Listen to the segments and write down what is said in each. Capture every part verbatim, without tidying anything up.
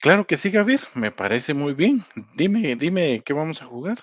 Claro que sí, Javier, me parece muy bien. Dime, dime, ¿qué vamos a jugar?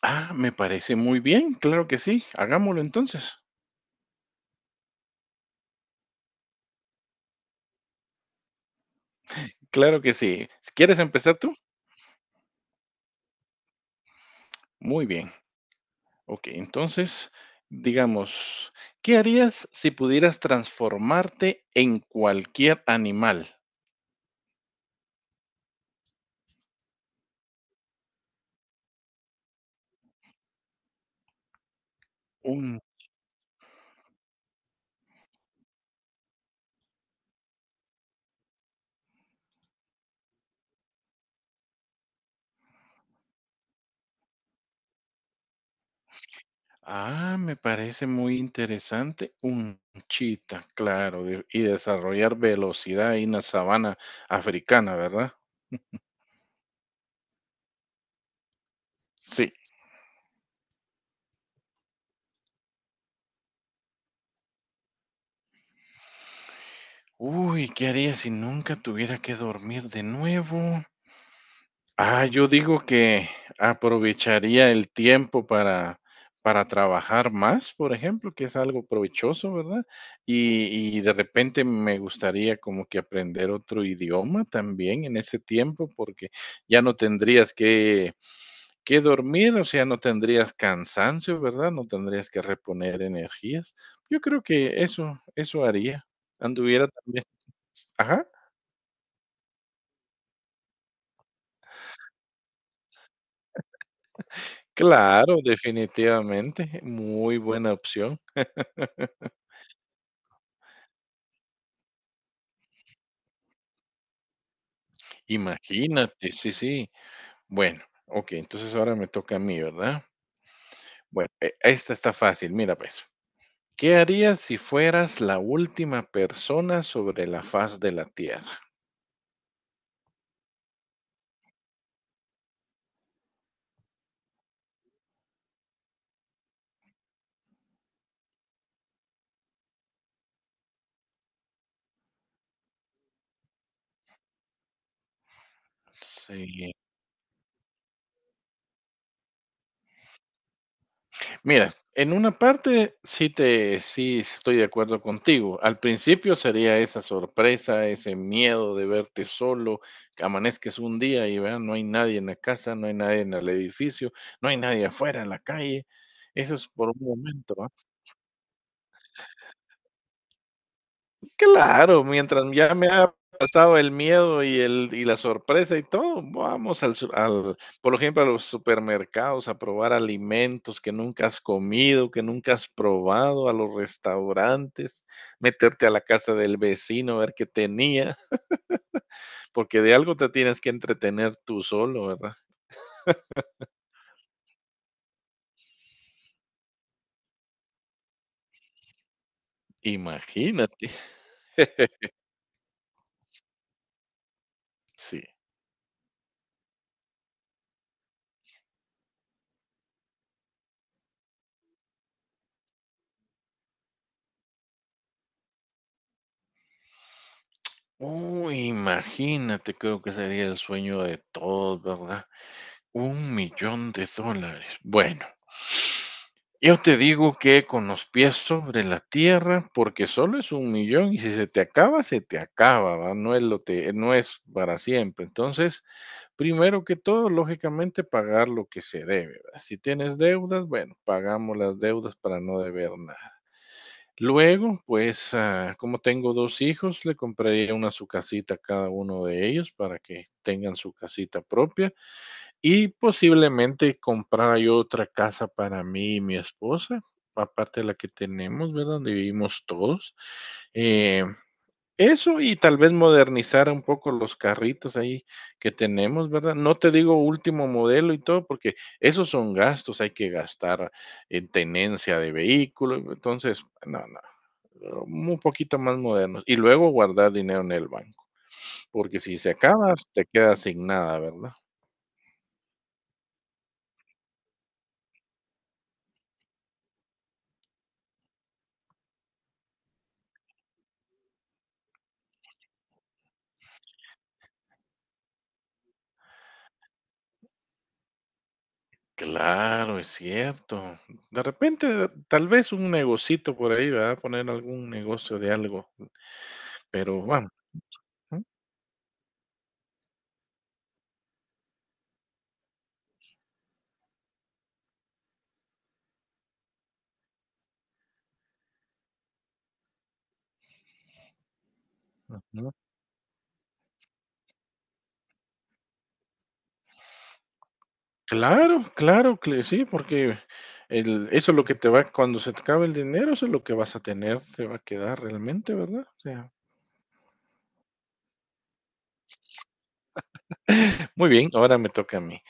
Ah, me parece muy bien, claro que sí, hagámoslo entonces. Claro que sí. ¿Quieres empezar tú? Muy bien. Ok, entonces, digamos, ¿qué harías si pudieras transformarte en cualquier animal? Un, ah, me parece muy interesante, un chita, claro, de- y desarrollar velocidad en la sabana africana, ¿verdad? Sí. Uy, ¿qué haría si nunca tuviera que dormir de nuevo? Ah, yo digo que aprovecharía el tiempo para, para trabajar más, por ejemplo, que es algo provechoso, ¿verdad? Y, y de repente me gustaría como que aprender otro idioma también en ese tiempo, porque ya no tendrías que, que dormir, o sea, no tendrías cansancio, ¿verdad? No tendrías que reponer energías. Yo creo que eso, eso haría. Anduviera también. Ajá. Claro, definitivamente, muy buena opción. Imagínate, sí, sí. Bueno, ok, entonces ahora me toca a mí, ¿verdad? Bueno, e- esta está fácil, mira pues. ¿Qué harías si fueras la última persona sobre la faz de la Tierra? Sí. Mira, en una parte sí te sí estoy de acuerdo contigo. Al principio sería esa sorpresa, ese miedo de verte solo, que amanezques un día y vean, no hay nadie en la casa, no hay nadie en el edificio, no hay nadie afuera en la calle. Eso es por un momento. Claro, mientras ya me ha pasado el miedo y el y la sorpresa y todo, vamos al su al por ejemplo, a los supermercados a probar alimentos que nunca has comido, que nunca has probado, a los restaurantes, meterte a la casa del vecino, ver qué tenía, porque de algo te tienes que entretener tú solo, ¿verdad? Imagínate, sí. Uy, imagínate, creo que sería el sueño de todos, ¿verdad? Un millón de dólares. Bueno. Yo te digo que con los pies sobre la tierra, porque solo es un millón y si se te acaba, se te acaba, ¿va? No es lo te, no es para siempre. Entonces, primero que todo, lógicamente, pagar lo que se debe, ¿va? Si tienes deudas, bueno, pagamos las deudas para no deber nada. Luego, pues, ah, como tengo dos hijos, le compraría una su casita a cada uno de ellos para que tengan su casita propia. Y posiblemente comprara yo otra casa para mí y mi esposa, aparte de la que tenemos, ¿verdad? Donde vivimos todos. Eh, eso y tal vez modernizar un poco los carritos ahí que tenemos, ¿verdad? No te digo último modelo y todo, porque esos son gastos, hay que gastar en tenencia de vehículo, entonces, no, no, un poquito más modernos. Y luego guardar dinero en el banco, porque si se acaba, te quedas sin nada, ¿verdad? Claro, es cierto. De repente, tal vez un negocito por ahí, ¿verdad? Poner algún negocio de algo, pero vamos. Ujú, ujú. Claro, claro que sí, porque el eso es lo que te va cuando se te acabe el dinero, eso es lo que vas a tener, te va a quedar realmente, ¿verdad? O sea, muy bien, ahora me toca a mí.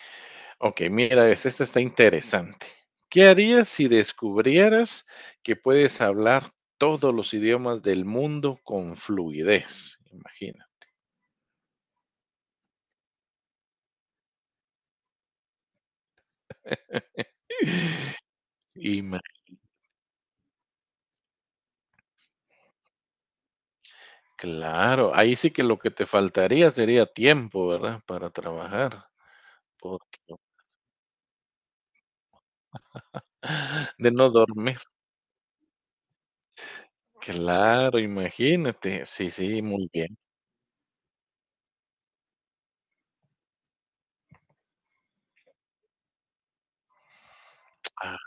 Okey, mira esta, esta está interesante. ¿Qué harías si descubrieras que puedes hablar todos los idiomas del mundo con fluidez? Imagina. Claro, ahí sí que lo que te faltaría sería tiempo, ¿verdad? Para trabajar, porque de no dormir. Claro, imagínate. Sí, sí, muy bien. Ah,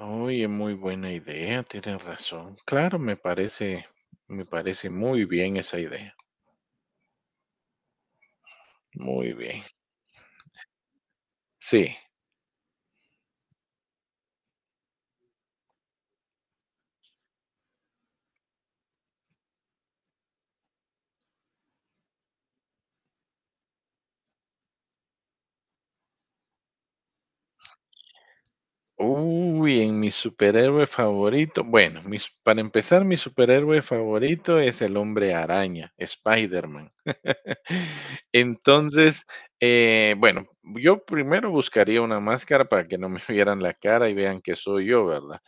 oye, muy buena idea, tienes razón. Claro, me parece, me parece muy bien esa idea. Muy bien. Sí. Uy, en mi superhéroe favorito. Bueno, mis, para empezar, mi superhéroe favorito es el hombre araña, Spider-Man. Entonces, eh, bueno, yo primero buscaría una máscara para que no me vieran la cara y vean que soy yo, ¿verdad?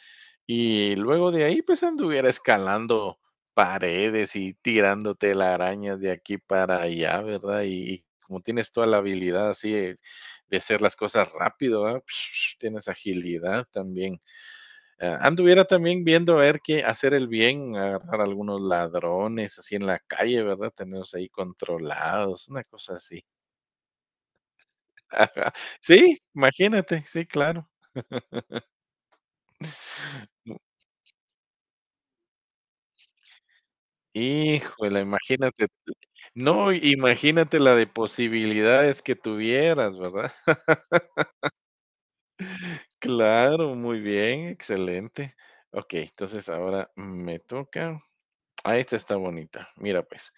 Y luego de ahí, pues anduviera escalando paredes y tirando telarañas de aquí para allá, ¿verdad? Y, y como tienes toda la habilidad así de, de hacer las cosas rápido, ¿verdad? Tienes agilidad también. Ah, anduviera también viendo a ver qué hacer el bien, agarrar algunos ladrones así en la calle, ¿verdad? Tenerlos ahí controlados, una cosa así. Sí, imagínate, sí, claro. Mm, híjole, imagínate. No, imagínate la de posibilidades que tuvieras, ¿verdad? Claro, muy bien, excelente. Okey, entonces ahora me toca. Ah, esta está bonita. Mira, pues,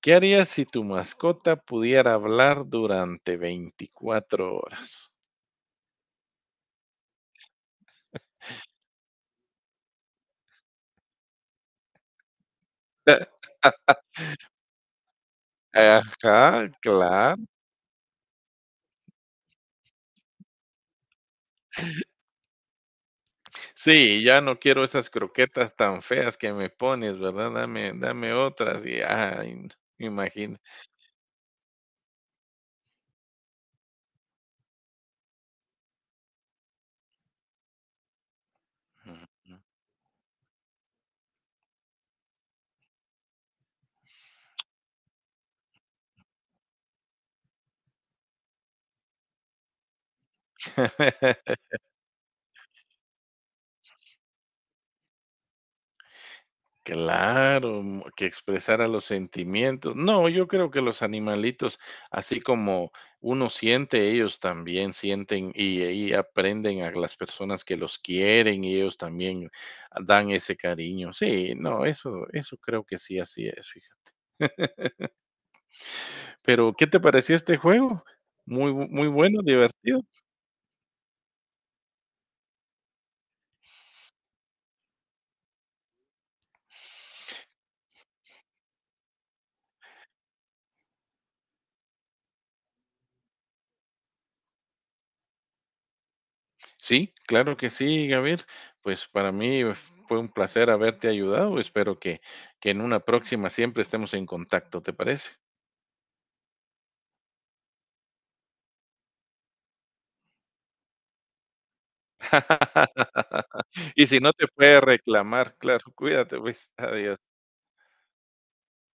¿qué harías si tu mascota pudiera hablar durante veinticuatro horas? Ajá, claro. Sí, ya no quiero esas croquetas tan feas que me pones, ¿verdad? Dame dame otras y, ay, no, imagina. Ujú. Claro, mm, que expresara los sentimientos. No, yo creo que los animalitos, así como uno siente, ellos también sienten y, y aprenden a las personas que los quieren y ellos también dan ese cariño. Sí, no, eso, eso creo que sí, así es, fíjate. Pero, ¿qué te pareció este juego? Muy, bu- muy bueno, divertido. Sí, claro que sí, Gabriel. Pues para mí fue un placer haberte ayudado. Espero que, que en una próxima siempre estemos en contacto, ¿te parece? Y si no te puede reclamar, claro, cuídate, pues, adiós.